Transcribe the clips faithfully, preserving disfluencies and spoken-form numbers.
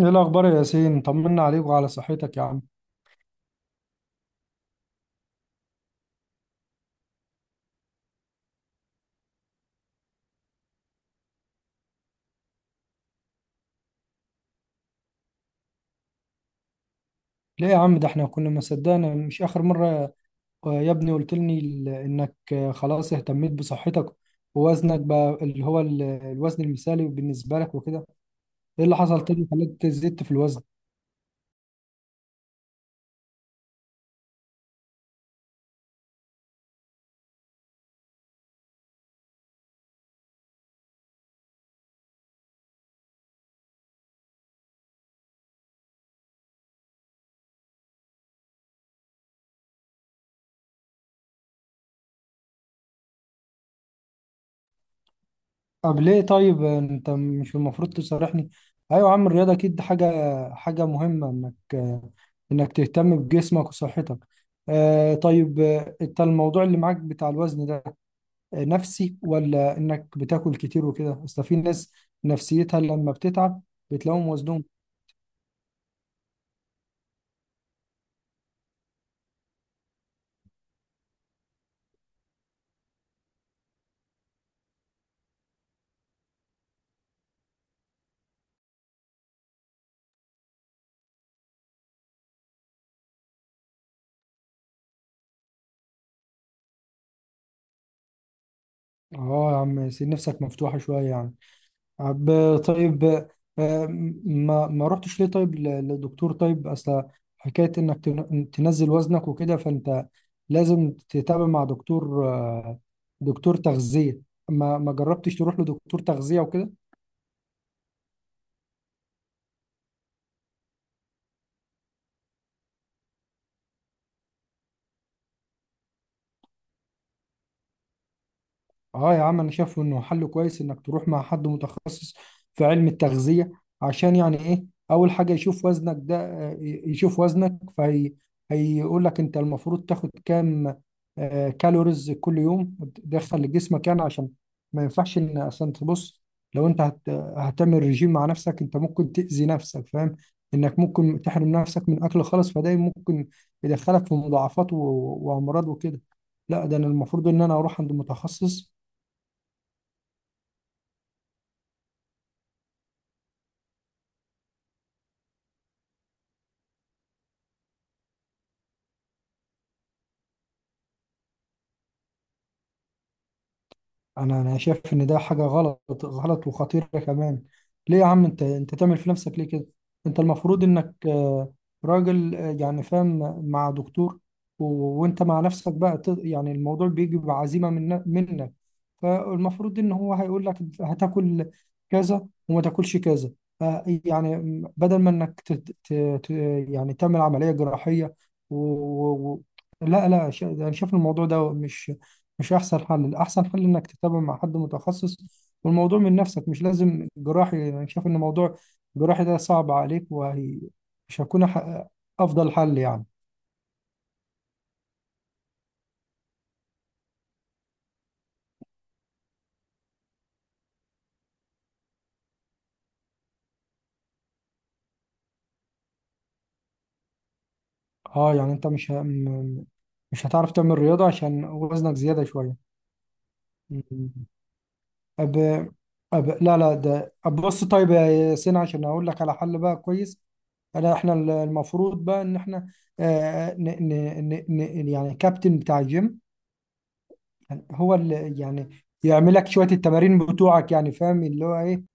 ايه الاخبار يا ياسين؟ طمنا عليك وعلى صحتك يا عم. ليه يا عم؟ ده احنا كنا ما صدقنا، مش اخر مره آه، يا ابني قلت لي انك آه، خلاص اهتميت بصحتك ووزنك بقى اللي هو ال- الوزن المثالي بالنسبه لك وكده. ايه اللي حصل تاني خلاك زدت في الوزن؟ طب ليه؟ طيب آه، انت مش المفروض تصارحني؟ ايوه يا عم، الرياضه اكيد حاجه، حاجه مهمه انك آه، انك تهتم بجسمك وصحتك. آه طيب، آه، انت الموضوع اللي معاك بتاع الوزن ده نفسي، ولا انك بتاكل كتير وكده؟ اصل في ناس نفسيتها لما بتتعب بتلاقيهم وزنهم. اه يا عم، سيب نفسك مفتوحة شوية يعني. طب طيب، آه، ما ما رحتش ليه طيب ل- لدكتور؟ طيب اصل حكاية انك تن- تنزل وزنك وكده، فانت لازم تتابع مع دكتور، آه، دكتور تغذية. ما ما جربتش تروح لدكتور تغذية وكده؟ اه يا عم، انا شايف انه حل كويس انك تروح مع حد متخصص في علم التغذية، عشان يعني ايه؟ اول حاجة يشوف وزنك ده، آه، ي- يشوف وزنك فهي هيقول لك انت المفروض تاخد كام آه، كالوريز كل يوم تدخل لجسمك، يعني عشان ما ينفعش ان عشان تبص، لو انت هت... هتعمل رجيم مع نفسك انت ممكن تأذي نفسك، فاهم؟ انك ممكن تحرم نفسك من اكل خالص، فده ممكن يدخلك في مضاعفات و... وامراض وكده. لا ده انا المفروض ان انا اروح عند متخصص. انا انا شايف ان ده حاجه غلط غلط وخطيره كمان. ليه يا عم؟ انت انت تعمل في نفسك ليه كده؟ انت المفروض انك آه، راجل آه، يعني فاهم، مع دكتور، و- وانت مع نفسك بقى ت- يعني الموضوع بيجي بعزيمه من منك. فالمفروض ان هو هيقول لك هتاكل كذا وما تاكلش كذا، آه، يعني بدل ما انك ت... ت... ت... يعني تعمل عملية جراحية و... و... و- لا لا، ش... انا شايف الموضوع ده مش مش احسن حل. الاحسن حل انك تتابع مع حد متخصص، والموضوع من نفسك مش لازم جراحي. يعني انا شايف ان موضوع الجراحي ده صعب عليك، وهي مش هيكون ح- افضل حل يعني. اه يعني انت مش ه... م- مش هتعرف تعمل رياضة عشان وزنك زيادة شوية؟ أب... أب... لا لا، ده أب بص طيب يا ياسين، عشان أقول لك على حل بقى كويس. أنا إحنا ال- المفروض بقى إن إحنا آه ن... ن... ن... ن... يعني كابتن بتاع الجيم هو اللي يعني يعمل لك شوية التمارين بتوعك، يعني فاهم اللي هو إيه؟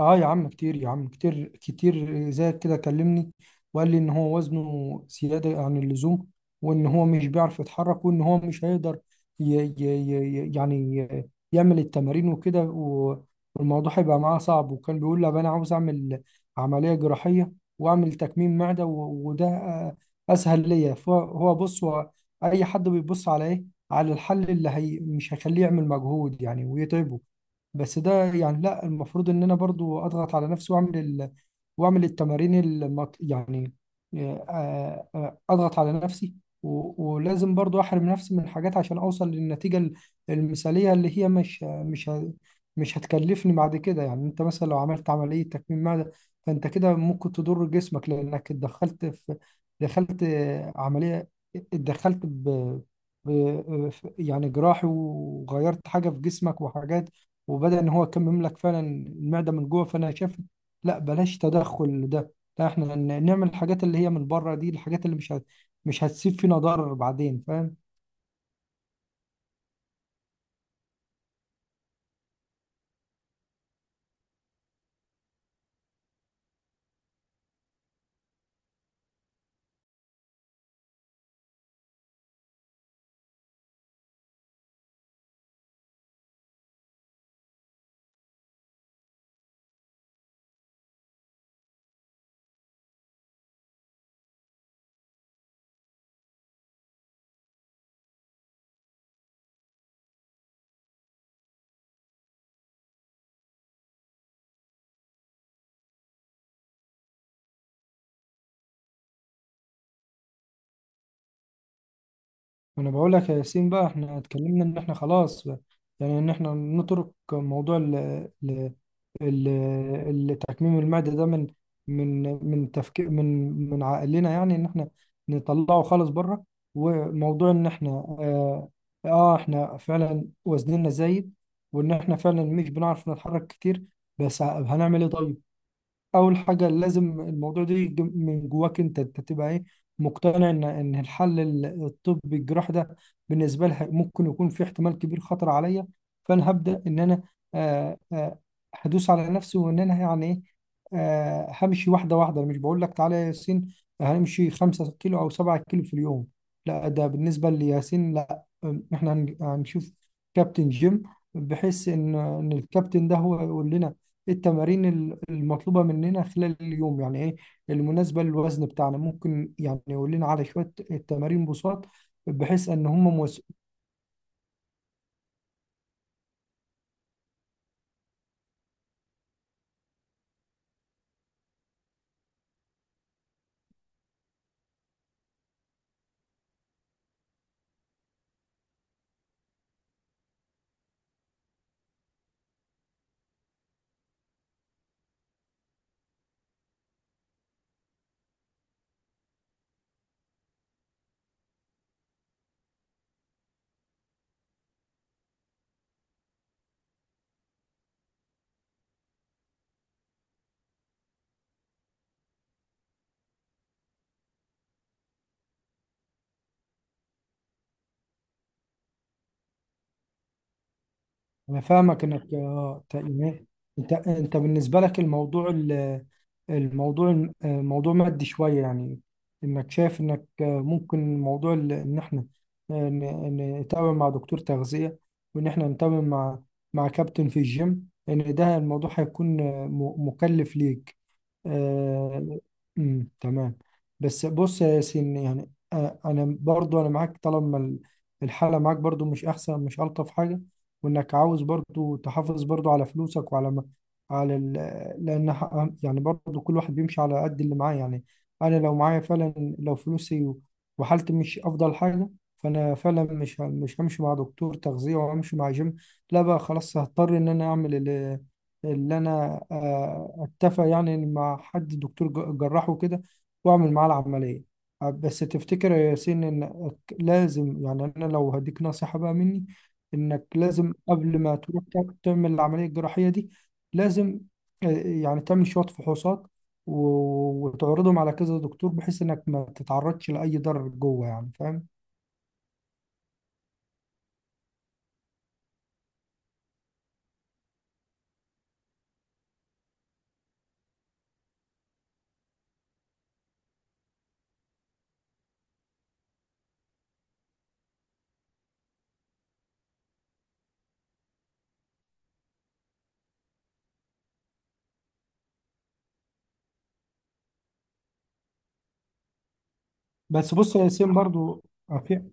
اه يا عم كتير، يا عم كتير كتير زي كده كلمني وقال لي ان هو وزنه زيادة عن اللزوم، وان هو مش بيعرف يتحرك، وان هو مش هيقدر ي ي ي ي- يعني ي- يعمل التمارين وكده و- والموضوع هيبقى معاه صعب. وكان بيقول لي "أب انا عاوز اعمل عملية جراحية واعمل تكميم معدة و- وده اسهل ليا". فهو بص، هو اي حد بيبص على ايه؟ على الحل اللي هي مش هيخليه يعمل مجهود يعني ويتعبه. بس ده يعني لا، المفروض ان انا برضو اضغط على نفسي، واعمل ال... واعمل التمارين المط... يعني آه، آه، اضغط على نفسي، و... ولازم برضو احرم نفسي من حاجات عشان اوصل للنتيجة ال- المثالية، اللي هي مش مش ه... مش هتكلفني بعد كده. يعني انت مثلا لو عملت عملية تكميم معدة فانت كده ممكن تضر جسمك، لانك اتدخلت في، دخلت آه، عملية، اتدخلت ب... ب... آه، يعني جراحي، وغيرت حاجة في جسمك وحاجات، وبدأ إن هو كان يملك فعلا المعدة من جوه. فأنا شايف لا، بلاش تدخل ده. لا، إحنا ن- نعمل الحاجات اللي هي من بره دي، الحاجات اللي مش هت... مش هتسيب فينا ضرر بعدين، فاهم؟ أنا بقول لك يا ياسين، بقى إحنا اتكلمنا إن إحنا خلاص بقى، يعني إن إحنا نترك موضوع ال- ال- تكميم المعدة ده من من من تفكير، من من عقلنا، يعني ان احنا نطلعه خالص بره. وموضوع ان احنا اه, آه احنا فعلا وزننا زايد، وان احنا فعلا مش بنعرف نتحرك كتير، بس هنعمل ايه طيب؟ اول حاجه لازم الموضوع ده يجي من جواك انت، انت تبقى ايه، مقتنع ان ان الحل ال- الطبي الجراحي ده بالنسبه لها ممكن يكون في احتمال كبير خطر عليا. فانا هبدا ان انا آه آه هدوس على نفسي، وان انا يعني ايه آه همشي واحده واحده. أنا مش بقول لك تعالى يا ياسين هنمشي خمس كيلو او سبع كيلو في اليوم، لا. ده بالنسبه لياسين لا. أم، احنا هن- هنشوف كابتن جيم، بحيث ان ان الكابتن ده هو يقول لنا التمارين ال- المطلوبة مننا خلال اليوم، يعني ايه المناسبة للوزن بتاعنا. ممكن يعني يقول لنا على شوية التمارين بساط، بحيث ان هم. انا فاهمك انك اه ت- يعني انت انت بالنسبه لك الموضوع ال- الموضوع آه، موضوع مادي شويه يعني، انك شايف انك آه، ممكن موضوع ال- ان احنا آه، ن- نتابع مع دكتور تغذيه، وان احنا نتابع مع مع كابتن في الجيم، ان ده الموضوع هيكون آه، م- مكلف ليك. آه، أمم، تمام. بس بص يا ياسين، يعني آه، انا برضو انا معاك طالما ال- الحاله معاك برضو مش احسن، مش الطف حاجه، وانك عاوز برضو تحافظ برضو على فلوسك وعلى م- على ال... لان ح- يعني برضو كل واحد بيمشي على قد اللي معاه يعني. انا لو معايا فعلا، لو فلوسي و- وحالتي مش افضل حاجه، فانا فعلا مش ه- مش همشي مع دكتور تغذيه وهمشي مع جيم. لا بقى خلاص، هضطر ان انا اعمل اللي, اللي انا آه، اتفق يعني مع حد دكتور ج- جراح وكده، واعمل معاه العمليه. آه، بس تفتكر يا ياسين ان لازم يعني انا لو هديك نصيحه بقى مني، انك لازم قبل ما تروح تع- تعمل العمليه الجراحيه دي، لازم آه، يعني تعمل شويه فحوصات و- وتعرضهم على كذا دكتور، بحيث انك ما تتعرضش لاي ضرر جوه، يعني فاهم؟ بس بص يا ياسين برضو، آه، في-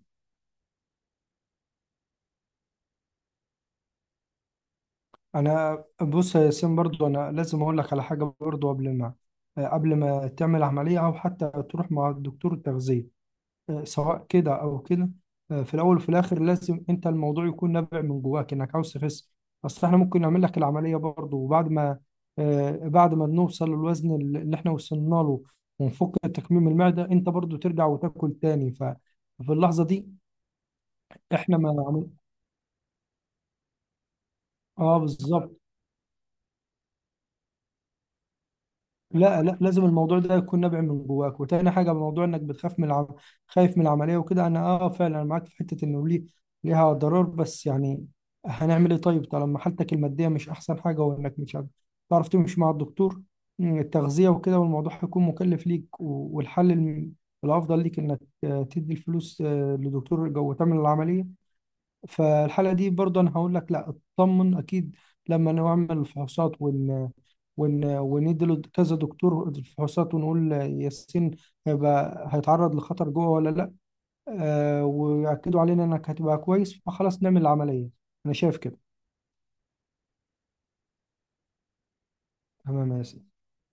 انا بص يا ياسين برضو، انا لازم اقول لك على حاجه برضو قبل ما آه، قبل ما تعمل عمليه او حتى تروح مع الدكتور التغذيه، آه، سواء كده او كده، آه، في الاول وفي الاخر لازم انت الموضوع يكون نابع من جواك انك عاوز تخس. اصل احنا ممكن نعمل لك العمليه برضه، وبعد ما آه، بعد ما نوصل للوزن اللي احنا وصلنا له ونفك تكميم المعده، انت برضه ترجع وتاكل تاني. ففي اللحظه دي احنا ما عمل... اه بالظبط. لا لا، لازم الموضوع ده يكون نابع من جواك. وتاني حاجه، موضوع انك بتخاف من العم... خايف من العمليه وكده، انا اه فعلا أنا معاك في حته انه ليه، ليها ضرر، بس يعني هنعمل ايه طيب طالما حالتك الماديه مش احسن حاجه، وانك مش عارف- تعرف تمشي مع الدكتور مم، التغذيه وكده، والموضوع هيكون مكلف ليك، و- والحل الم- الافضل ليك انك آه، تدي الفلوس آه، لدكتور جو تعمل العمليه، فالحالة دي برضه أنا هقول لك لا، اطمن. أكيد لما نعمل الفحوصات ون ون وندي له كذا دكتور الفحوصات، ونقول ياسين هيبقى هيتعرض لخطر جوه ولا لا، آه ويأكدوا علينا إنك هتبقى كويس، فخلاص نعمل العملية. أنا شايف كده. تمام يا ياسين.